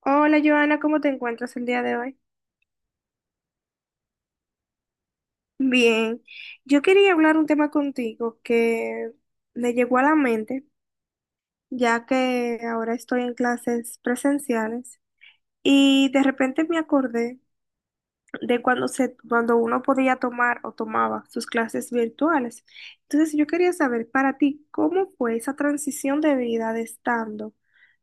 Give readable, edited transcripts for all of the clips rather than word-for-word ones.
Hola Joana, ¿cómo te encuentras el día de hoy? Bien, yo quería hablar un tema contigo que me llegó a la mente, ya que ahora estoy en clases presenciales y de repente me acordé de cuando uno podía tomar o tomaba sus clases virtuales. Entonces, yo quería saber para ti, ¿cómo fue esa transición de vida de estando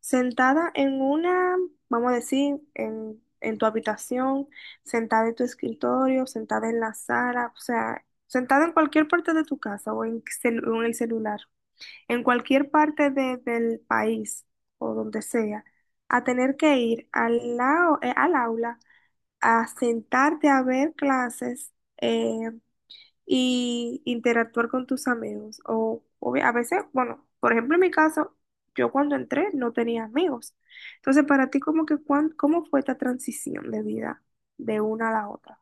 sentada en una, vamos a decir, en tu habitación, sentada en tu escritorio, sentada en la sala, o sea, sentada en cualquier parte de tu casa o en el celular, en cualquier parte del país o donde sea, a tener que ir al aula a sentarte a ver clases eh, y interactuar con tus amigos. O a veces, bueno, por ejemplo, en mi caso, yo cuando entré no tenía amigos. Entonces, para ti, como que, ¿cómo fue esta transición de vida de una a la otra?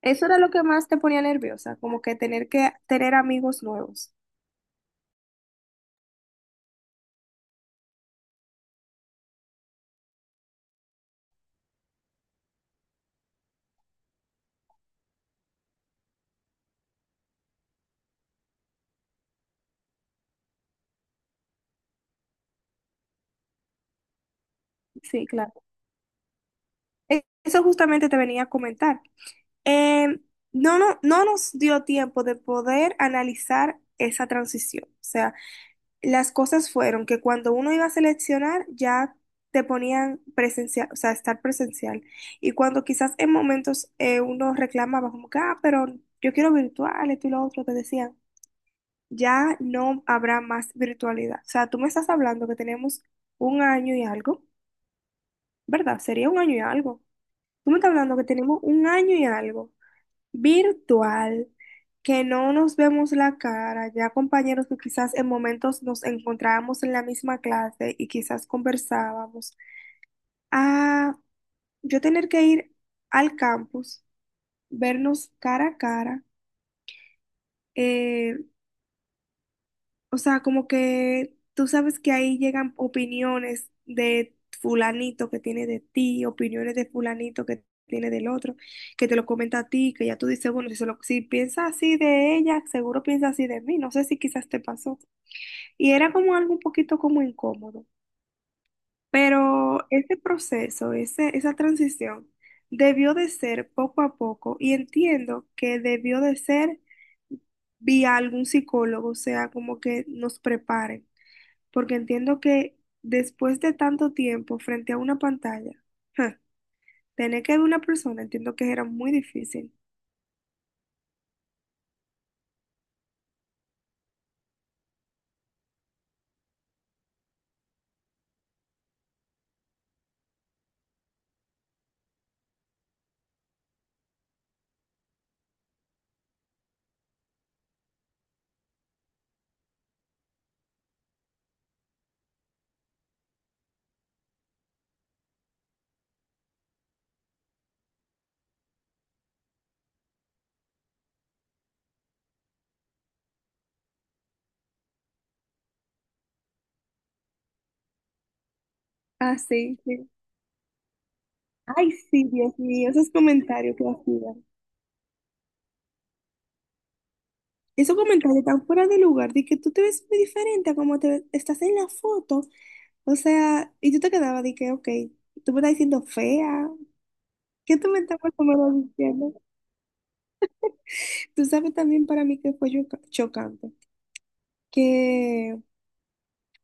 Eso era lo que más te ponía nerviosa, como que tener amigos nuevos. Sí, claro. Eso justamente te venía a comentar. Em, no, no, no nos dio tiempo de poder analizar esa transición. O sea, las cosas fueron que cuando uno iba a seleccionar ya te ponían presencial, o sea, estar presencial. Y cuando quizás en momentos uno reclamaba como que, ah, pero yo quiero virtual, esto y lo otro, te decían, ya no habrá más virtualidad. O sea, tú me estás hablando que tenemos un año y algo, ¿verdad? Sería un año y algo. Tú me estás hablando que tenemos un año y algo virtual, que no nos vemos la cara, ya compañeros que quizás en momentos nos encontrábamos en la misma clase y quizás conversábamos, a yo tener que ir al campus, vernos cara a cara, eh, o sea, como que tú sabes que ahí llegan opiniones de fulanito que tiene de ti, opiniones de fulanito que tiene del otro, que te lo comenta a ti, que ya tú dices, bueno, si piensa así de ella, seguro piensa así de mí, no sé si quizás te pasó. Y era como algo un poquito como incómodo, pero ese proceso, esa transición debió de ser poco a poco, y entiendo que debió de ser vía algún psicólogo, o sea, como que nos prepare, porque entiendo que después de tanto tiempo frente a una pantalla, ja, tener que ver una persona, entiendo que era muy difícil. Ah, sí, sí. Ay, sí, Dios mío, esos comentarios que hacían. Esos comentarios tan fuera de lugar, de que tú te ves muy diferente a como estás en la foto. O sea, y tú te quedabas de que, ok, tú me estás diciendo fea. ¿Qué tú me estás más o menos diciendo? Tú sabes también para mí que fue chocante, que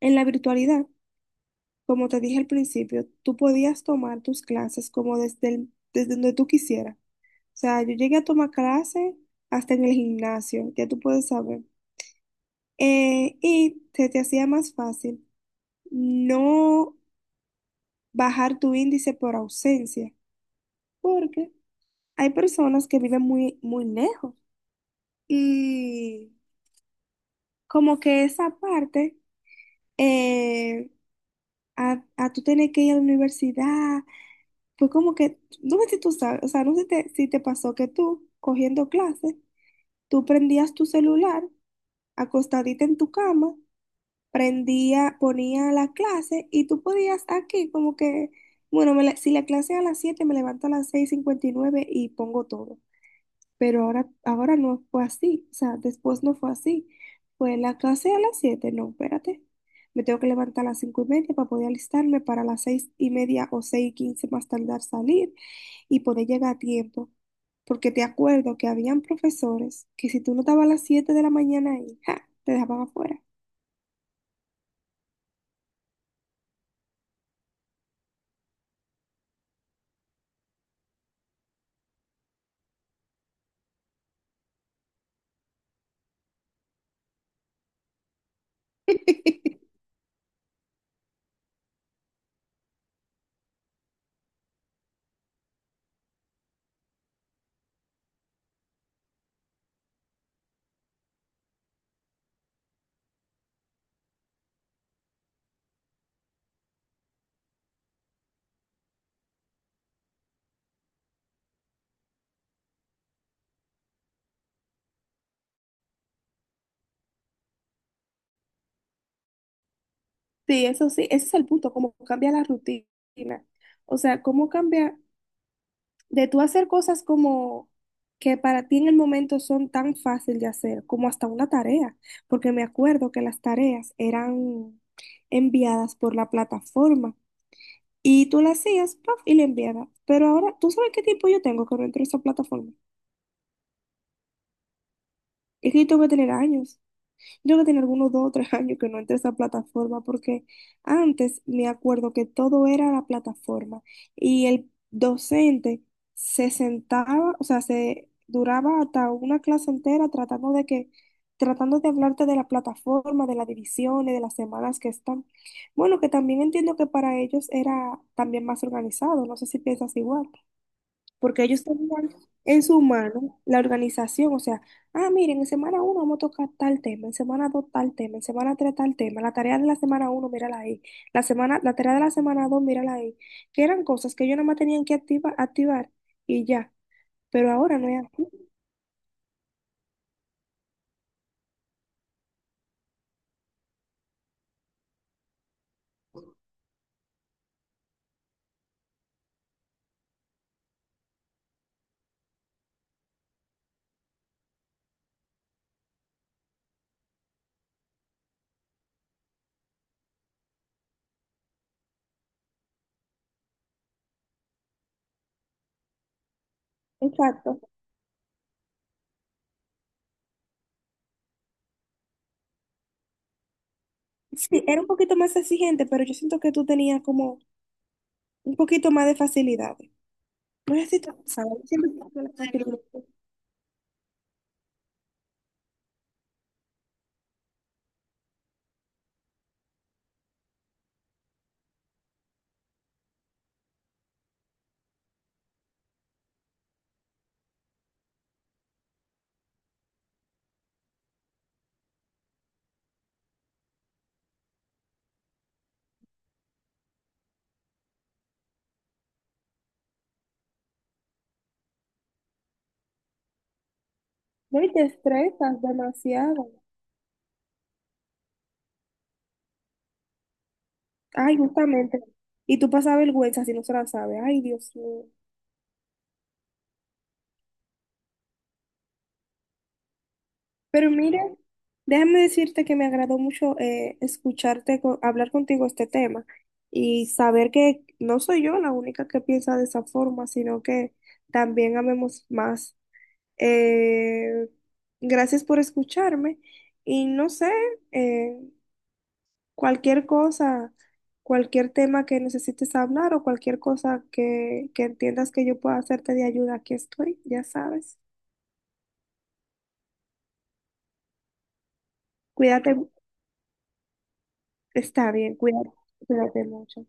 en la virtualidad. Como te dije al principio, tú podías tomar tus clases como desde donde tú quisieras. O sea, yo llegué a tomar clases hasta en el gimnasio, ya tú puedes saber. Y se te hacía más fácil no bajar tu índice por ausencia, porque hay personas que viven muy, muy lejos, y como que esa parte, eh, a tú tener que ir a la universidad. Fue como que, no sé si tú sabes, o sea, no sé si te pasó que tú, cogiendo clases, tú prendías tu celular, acostadita en tu cama, prendía, ponía la clase, y tú podías aquí como que, bueno, si la clase es a las 7:00 me levanto a las 6:59 y pongo todo, pero ahora no fue así, o sea, después no fue así. Fue la clase a las 7:00, no, espérate. Me tengo que levantar a las 5:30 para poder alistarme para las 6:30 o 6:15 más tardar, salir y poder llegar a tiempo. Porque te acuerdo que habían profesores que si tú no estabas a las 7:00 de la mañana ahí, ¡ja! Te dejaban afuera. Sí, eso sí, ese es el punto, cómo cambia la rutina. O sea, cómo cambia de tú hacer cosas como que para ti en el momento son tan fácil de hacer, como hasta una tarea, porque me acuerdo que las tareas eran enviadas por la plataforma y tú las hacías, ¡paf! Y la enviabas. Pero ahora, ¿tú sabes qué tiempo yo tengo que no entro a esa plataforma? Es que yo tengo que tener años. Yo que tenía algunos 2 o 3 años que no entré a esa plataforma, porque antes me acuerdo que todo era la plataforma, y el docente se sentaba, o sea, se duraba hasta una clase entera tratando de hablarte de la plataforma, de las divisiones, de las semanas que están. Bueno, que también entiendo que para ellos era también más organizado, no sé si piensas igual, porque ellos tenían en su mano la organización, o sea, ah, miren, en semana uno vamos a tocar tal tema, en semana 2 tal tema, en semana 3 tal tema, la tarea de la semana 1, mírala ahí, la tarea de la semana 2, mírala ahí, que eran cosas que ellos nada más tenían que activar y ya, pero ahora no es así. Exacto. Sí, era un poquito más exigente, pero yo siento que tú tenías como un poquito más de facilidades. No sé si te pasa, yo siento que la tienes. No, y te estresas demasiado. Ay, justamente. Y tú pasas vergüenza si no se la sabes. Ay, Dios mío. Pero mire, déjame decirte que me agradó mucho escucharte, hablar contigo este tema, y saber que no soy yo la única que piensa de esa forma, sino que también amemos más. Eh, gracias por escucharme, y no sé, eh, cualquier cosa, cualquier tema que necesites hablar, o cualquier cosa que entiendas que yo pueda hacerte de ayuda, aquí estoy, ya sabes. Cuídate, está bien, cuídate, cuídate mucho.